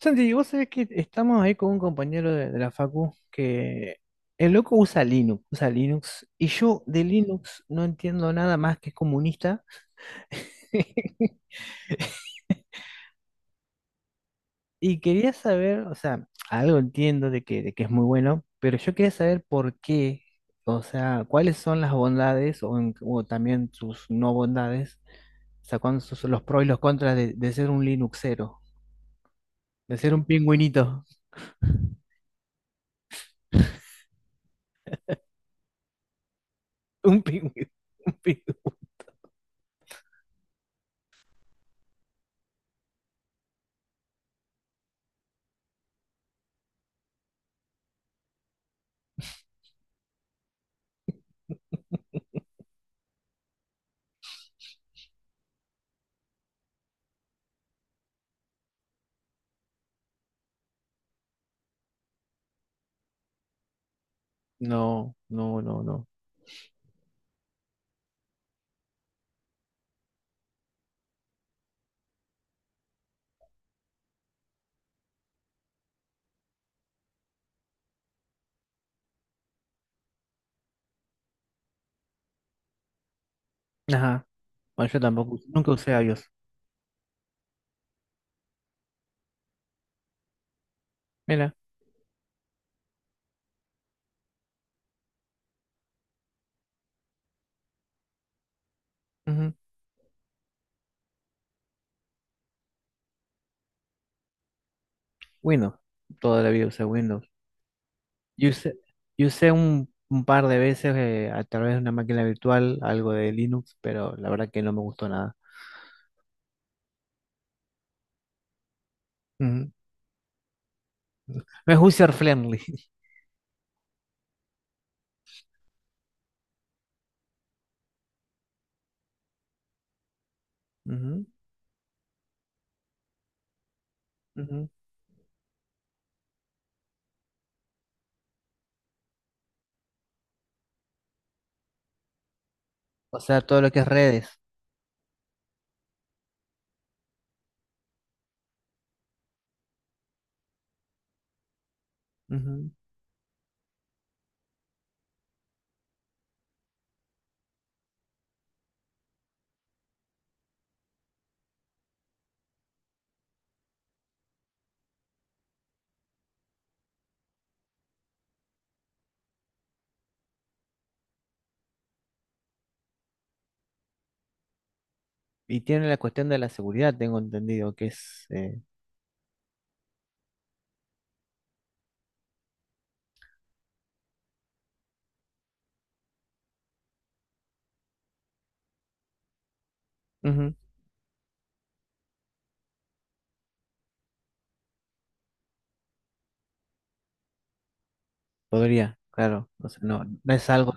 Santi, vos sabés que estamos ahí con un compañero de la facu que el loco usa Linux, y yo de Linux no entiendo nada más que es comunista. Y quería saber, o sea, algo entiendo de que es muy bueno, pero yo quería saber por qué, o sea, cuáles son las bondades o, o también sus no bondades, o sea, cuáles son los pros y los contras de ser un Linuxero, de ser un pingüinito, un pingüino, un pingüino. No, no, no, no. Bueno, yo tampoco, nunca usé iOS. Mira, ujú. Windows, toda la vida usé Windows. yo usé, yo usé un par de veces a través de una máquina virtual algo de Linux, pero la verdad que no me gustó nada. Ujú. No es user friendly. Ujú, ujú. O sea, todo lo que es redes. Ujú. Y tiene la cuestión de la seguridad, tengo entendido que es ujú. Podría, claro. O sea, no, no es algo...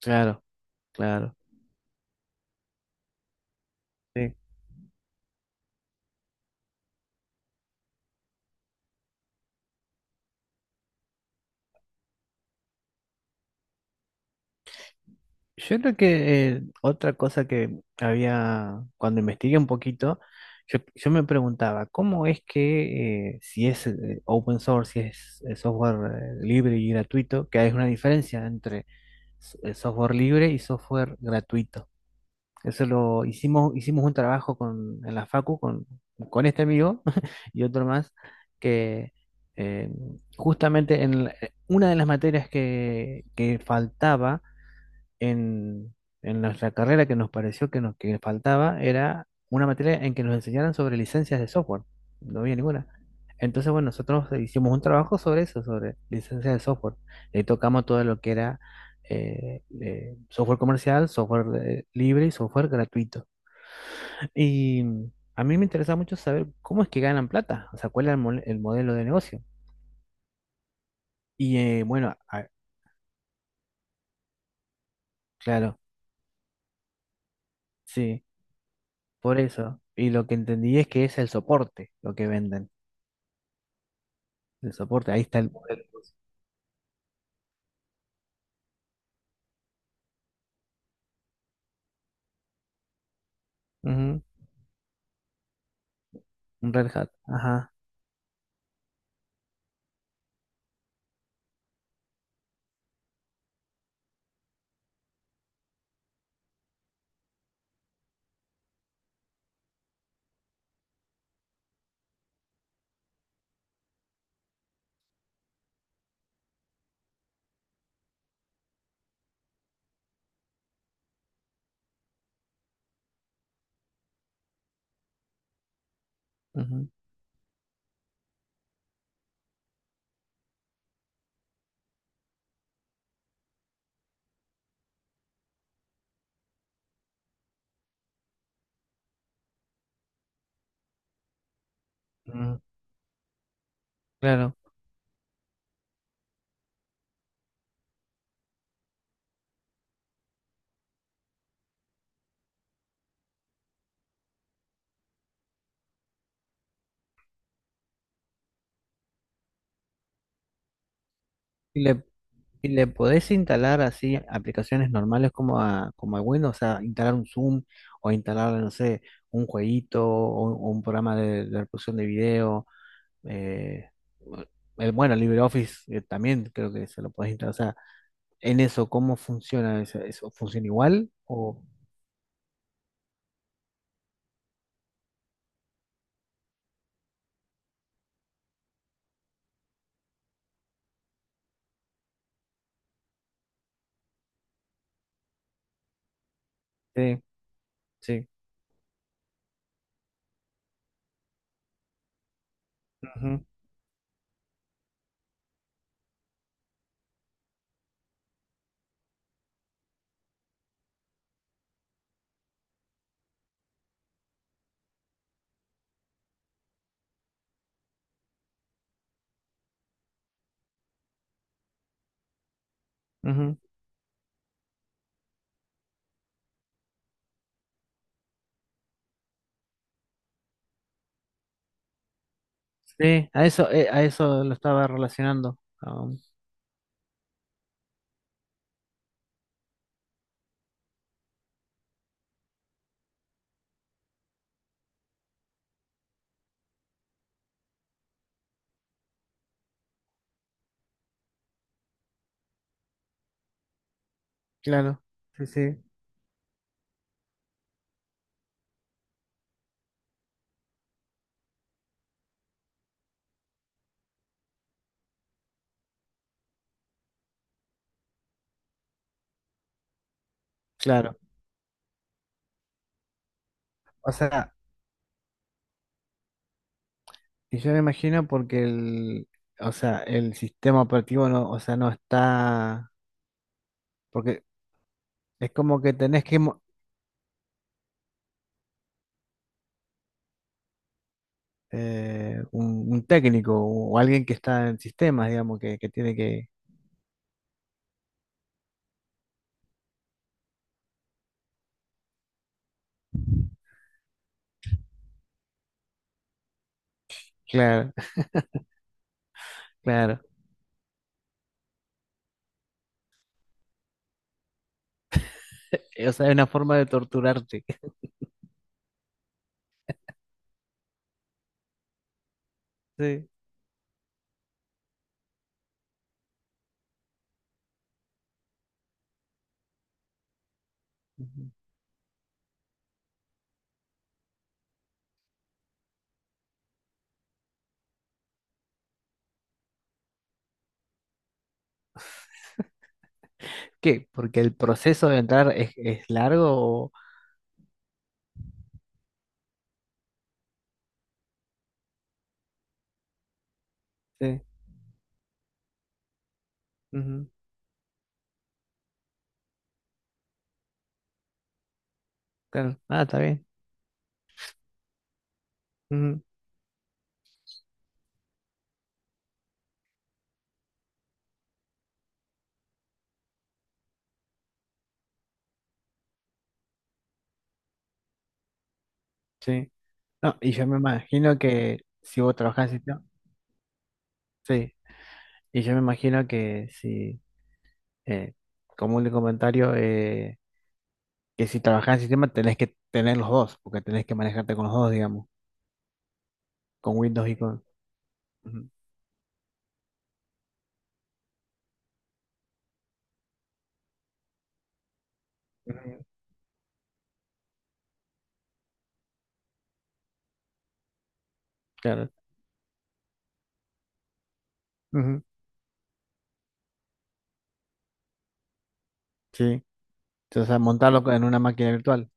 Claro, claro. Sí. Yo creo que otra cosa que había, cuando investigué un poquito, yo me preguntaba, ¿cómo es que si es open source, si es software libre y gratuito, que hay una diferencia entre software libre y software gratuito? Eso lo hicimos, hicimos un trabajo con, en la Facu con este amigo y otro más, que eh, justamente una de las materias que faltaba en, en nuestra carrera que nos pareció que nos que faltaba era una materia en que nos enseñaran sobre licencias de software. No había ninguna. Entonces, bueno, nosotros hicimos un trabajo sobre eso, sobre licencias de software. Le tocamos todo lo que era software comercial, software libre y software gratuito. Y a mí me interesa mucho saber cómo es que ganan plata, o sea, cuál es el modelo de negocio. Y bueno, claro, sí, por eso. Y lo que entendí es que es el soporte lo que venden. El soporte, ahí está el modelo. Ujú, un Red Hat, ajá. Ujú, ujú, claro. Y le, y le podés instalar así aplicaciones normales como a, como a Windows, o sea, instalar un Zoom o instalar, no sé, un jueguito o un programa de reproducción de video. eh, el, bueno, LibreOffice también creo que se lo podés instalar. O sea, en eso, ¿cómo funciona eso? ¿Eso funciona igual? O, sí, sí. Ujú, ujú, sí, a eso lo estaba relacionando. Claro, sí, sí, claro. O sea, y yo me imagino porque o sea, el sistema operativo no, o sea, no está, porque es como que tenés un técnico o alguien que está en sistemas, digamos, que tiene que, claro, claro. O sea, es una forma de torturarte. Sí. Ujú. ¿Qué? Porque el proceso de entrar es largo o... Sí. Ujú, claro. Ah, está bien. Ujú. Sí. No, y yo me imagino que si vos trabajás, sí. Y yo me imagino que si, eh, como un comentario, que si trabajás en sistema tenés que tener los dos, porque tenés que manejarte con los dos, digamos, con Windows y con... Ujú, ujú, claro. Ujú, sí. Entonces, a montarlo en una máquina virtual.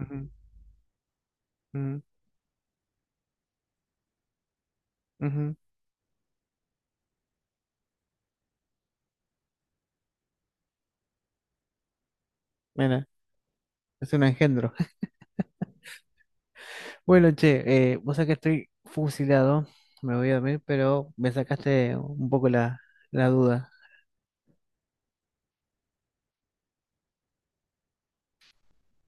Ujú, ujú, ujú. Mira, es un engendro. Bueno, che, vos sabés que estoy fusilado, me voy a dormir, pero me sacaste un poco la, la duda.